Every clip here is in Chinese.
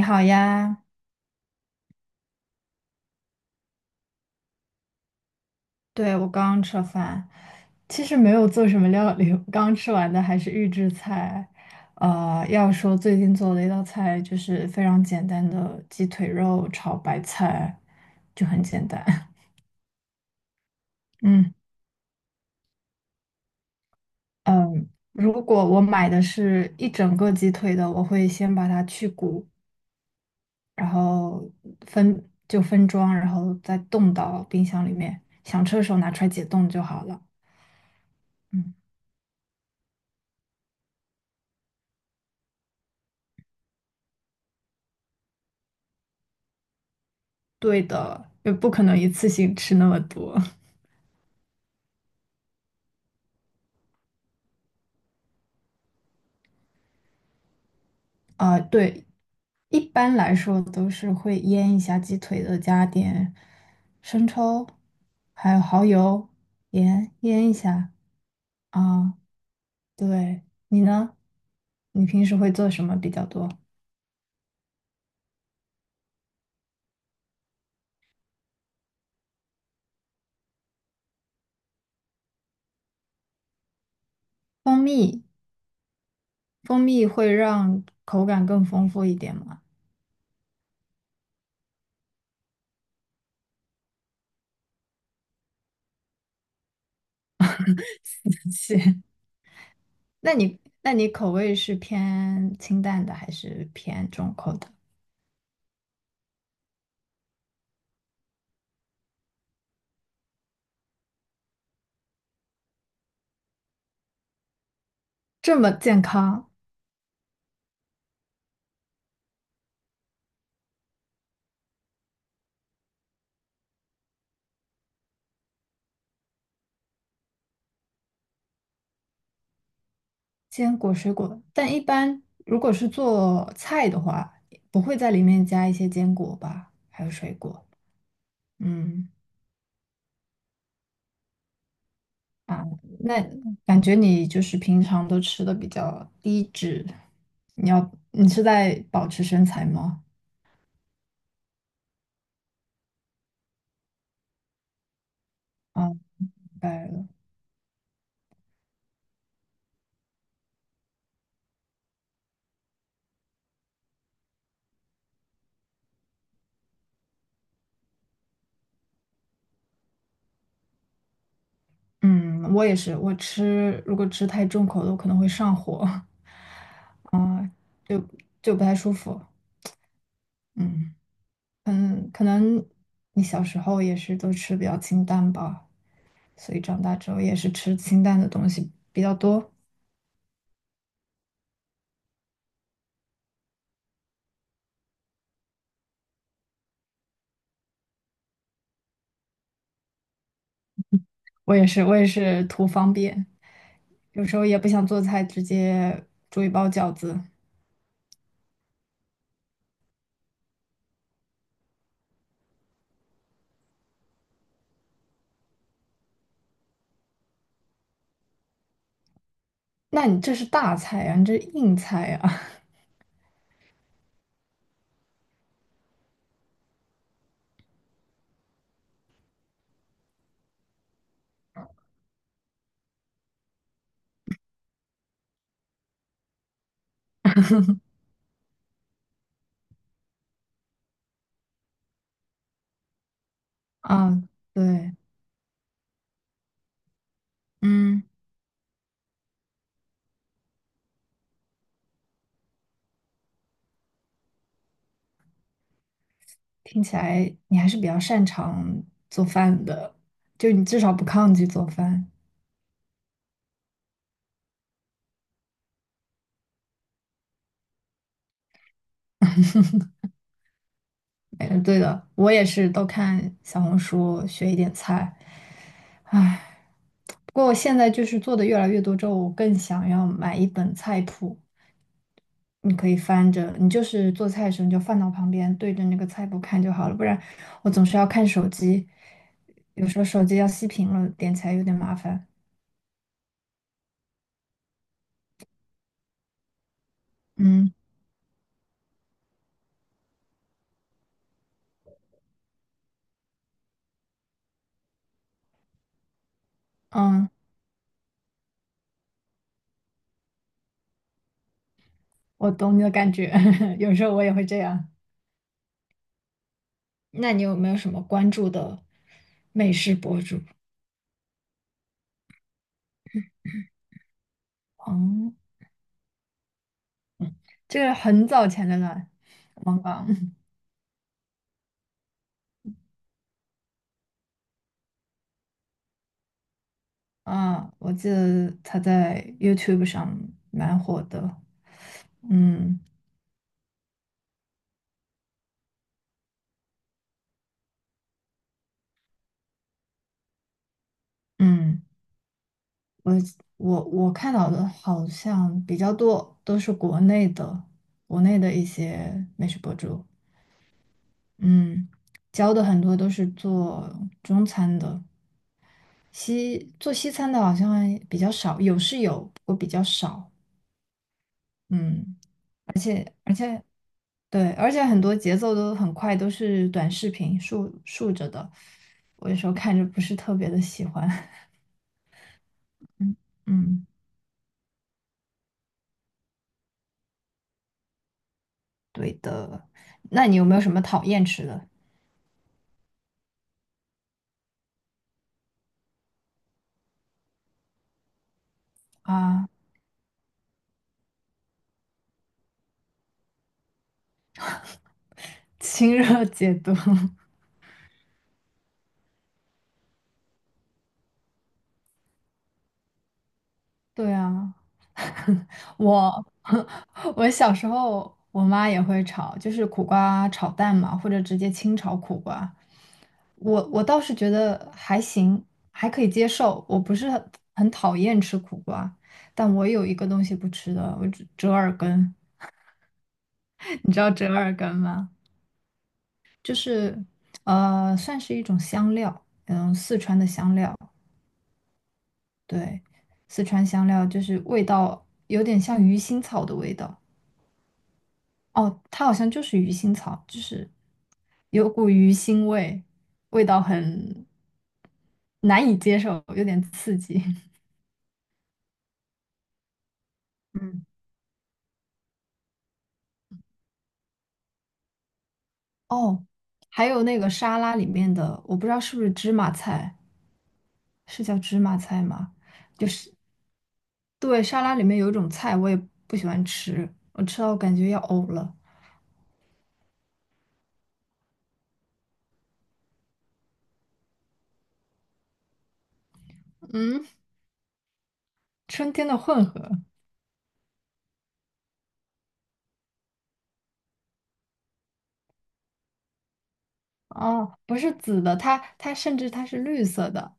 你好呀。对，我刚刚吃了饭，其实没有做什么料理，我刚吃完的还是预制菜。要说最近做的一道菜就是非常简单的鸡腿肉炒白菜，就很简单。嗯。嗯，如果我买的是一整个鸡腿的，我会先把它去骨，然后分装，然后再冻到冰箱里面，想吃的时候拿出来解冻就好了。嗯。对的，也不可能一次性吃那么多。 啊，对，一般来说都是会腌一下鸡腿的，加点生抽，还有蚝油、盐，腌一下啊。对，你呢？你平时会做什么比较多？蜂蜜，蜂蜜会让口感更丰富一点吗？是。那你口味是偏清淡的还是偏重口的？这么健康。坚果水果，但一般如果是做菜的话，不会在里面加一些坚果吧，还有水果。嗯啊，那感觉你就是平常都吃的比较低脂，你是在保持身材吗？啊，明白了。嗯，我也是，我吃如果吃太重口的，我可能会上火。啊，就就不太舒服。嗯。嗯，可能你小时候也是都吃比较清淡吧，所以长大之后也是吃清淡的东西比较多。我也是，我也是图方便，有时候也不想做菜，直接煮一包饺子。那你这是大菜啊，你这是硬菜啊？啊，对。嗯，听起来你还是比较擅长做饭的，就你至少不抗拒做饭。嗯，对的，我也是都看小红书学一点菜。唉，不过我现在就是做的越来越多之后，我更想要买一本菜谱，你可以翻着，你就是做菜的时候你就放到旁边，对着那个菜谱看就好了，不然我总是要看手机，有时候手机要熄屏了，点起来有点麻烦。嗯。嗯，我懂你的感觉。有时候我也会这样。那你有没有什么关注的美食博主？嗯，这个很早前的了，王刚。 啊，我记得他在 YouTube 上蛮火的。嗯嗯。我我看到的好像比较多都是国内的，国内的一些美食博主，嗯，教的很多都是做中餐的，做西餐的好像还比较少，有是有，不过比较少。嗯，对，而且很多节奏都很快，都是短视频竖着的，我有时候看着不是特别的喜欢。嗯嗯，对的，那你有没有什么讨厌吃的？啊？清热解毒。对啊，我 我小时候我妈也会炒，就是苦瓜炒蛋嘛，或者直接清炒苦瓜。我倒是觉得还行，还可以接受。我不是很讨厌吃苦瓜，但我有一个东西不吃的，我折耳根。你知道折耳根吗？就是算是一种香料，嗯，四川的香料，对，四川香料就是味道有点像鱼腥草的味道。哦，它好像就是鱼腥草，就是有股鱼腥味，味道很难以接受，有点刺激。嗯，哦，还有那个沙拉里面的，我不知道是不是芝麻菜，是叫芝麻菜吗？就是对，沙拉里面有一种菜我也不喜欢吃，我吃到我感觉要呕了。嗯，春天的混合。哦，不是紫的，它甚至它是绿色的。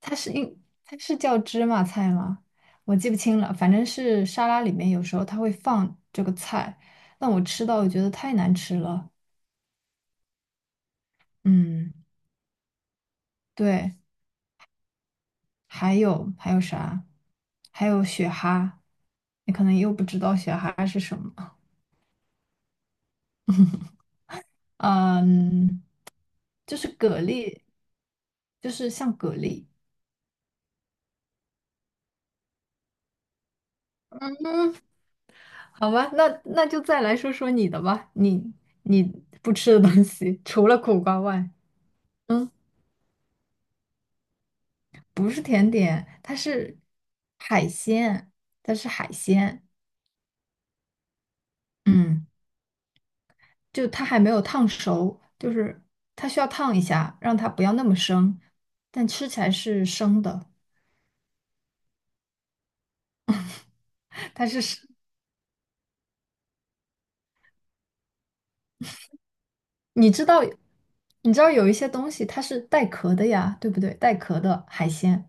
它是叫芝麻菜吗？我记不清了，反正是沙拉里面有时候它会放这个菜，但我吃到我觉得太难吃了。嗯，对，还有还有啥？还有雪蛤，你可能又不知道雪蛤是什么。嗯，就是蛤蜊，就是像蛤蜊。好吧，那就再来说说你的吧，你你不吃的东西，除了苦瓜外。嗯。不是甜点，它是海鲜，它是海鲜，嗯，就它还没有烫熟，就是它需要烫一下，让它不要那么生，但吃起来是生的，它是生，你知道，你知道有一些东西它是带壳的呀，对不对？带壳的海鲜，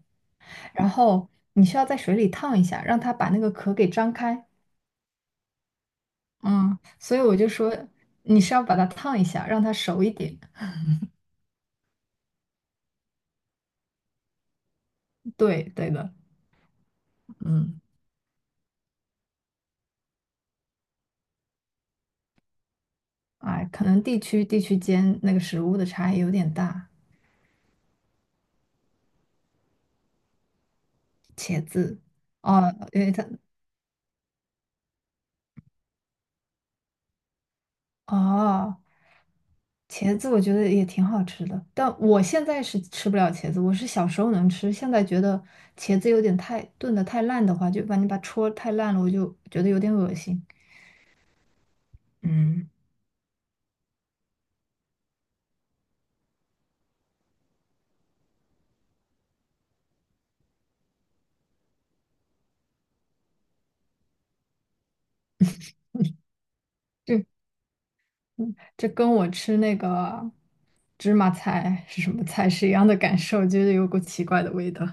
然后你需要在水里烫一下，让它把那个壳给张开，嗯，所以我就说你是要把它烫一下，让它熟一点，对，对的，嗯。哎，可能地区间那个食物的差异有点大。茄子，哦，因为它哦，茄子我觉得也挺好吃的，但我现在是吃不了茄子，我是小时候能吃，现在觉得茄子有点太炖的太烂的话，就把你把戳太烂了，我就觉得有点恶心。嗯。这嗯这跟我吃那个芝麻菜是一样的感受，觉得有股奇怪的味道。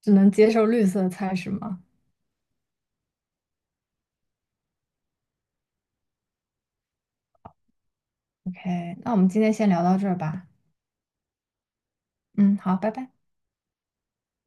只能接受绿色菜是吗？OK,那我们今天先聊到这儿吧。嗯，好，拜拜。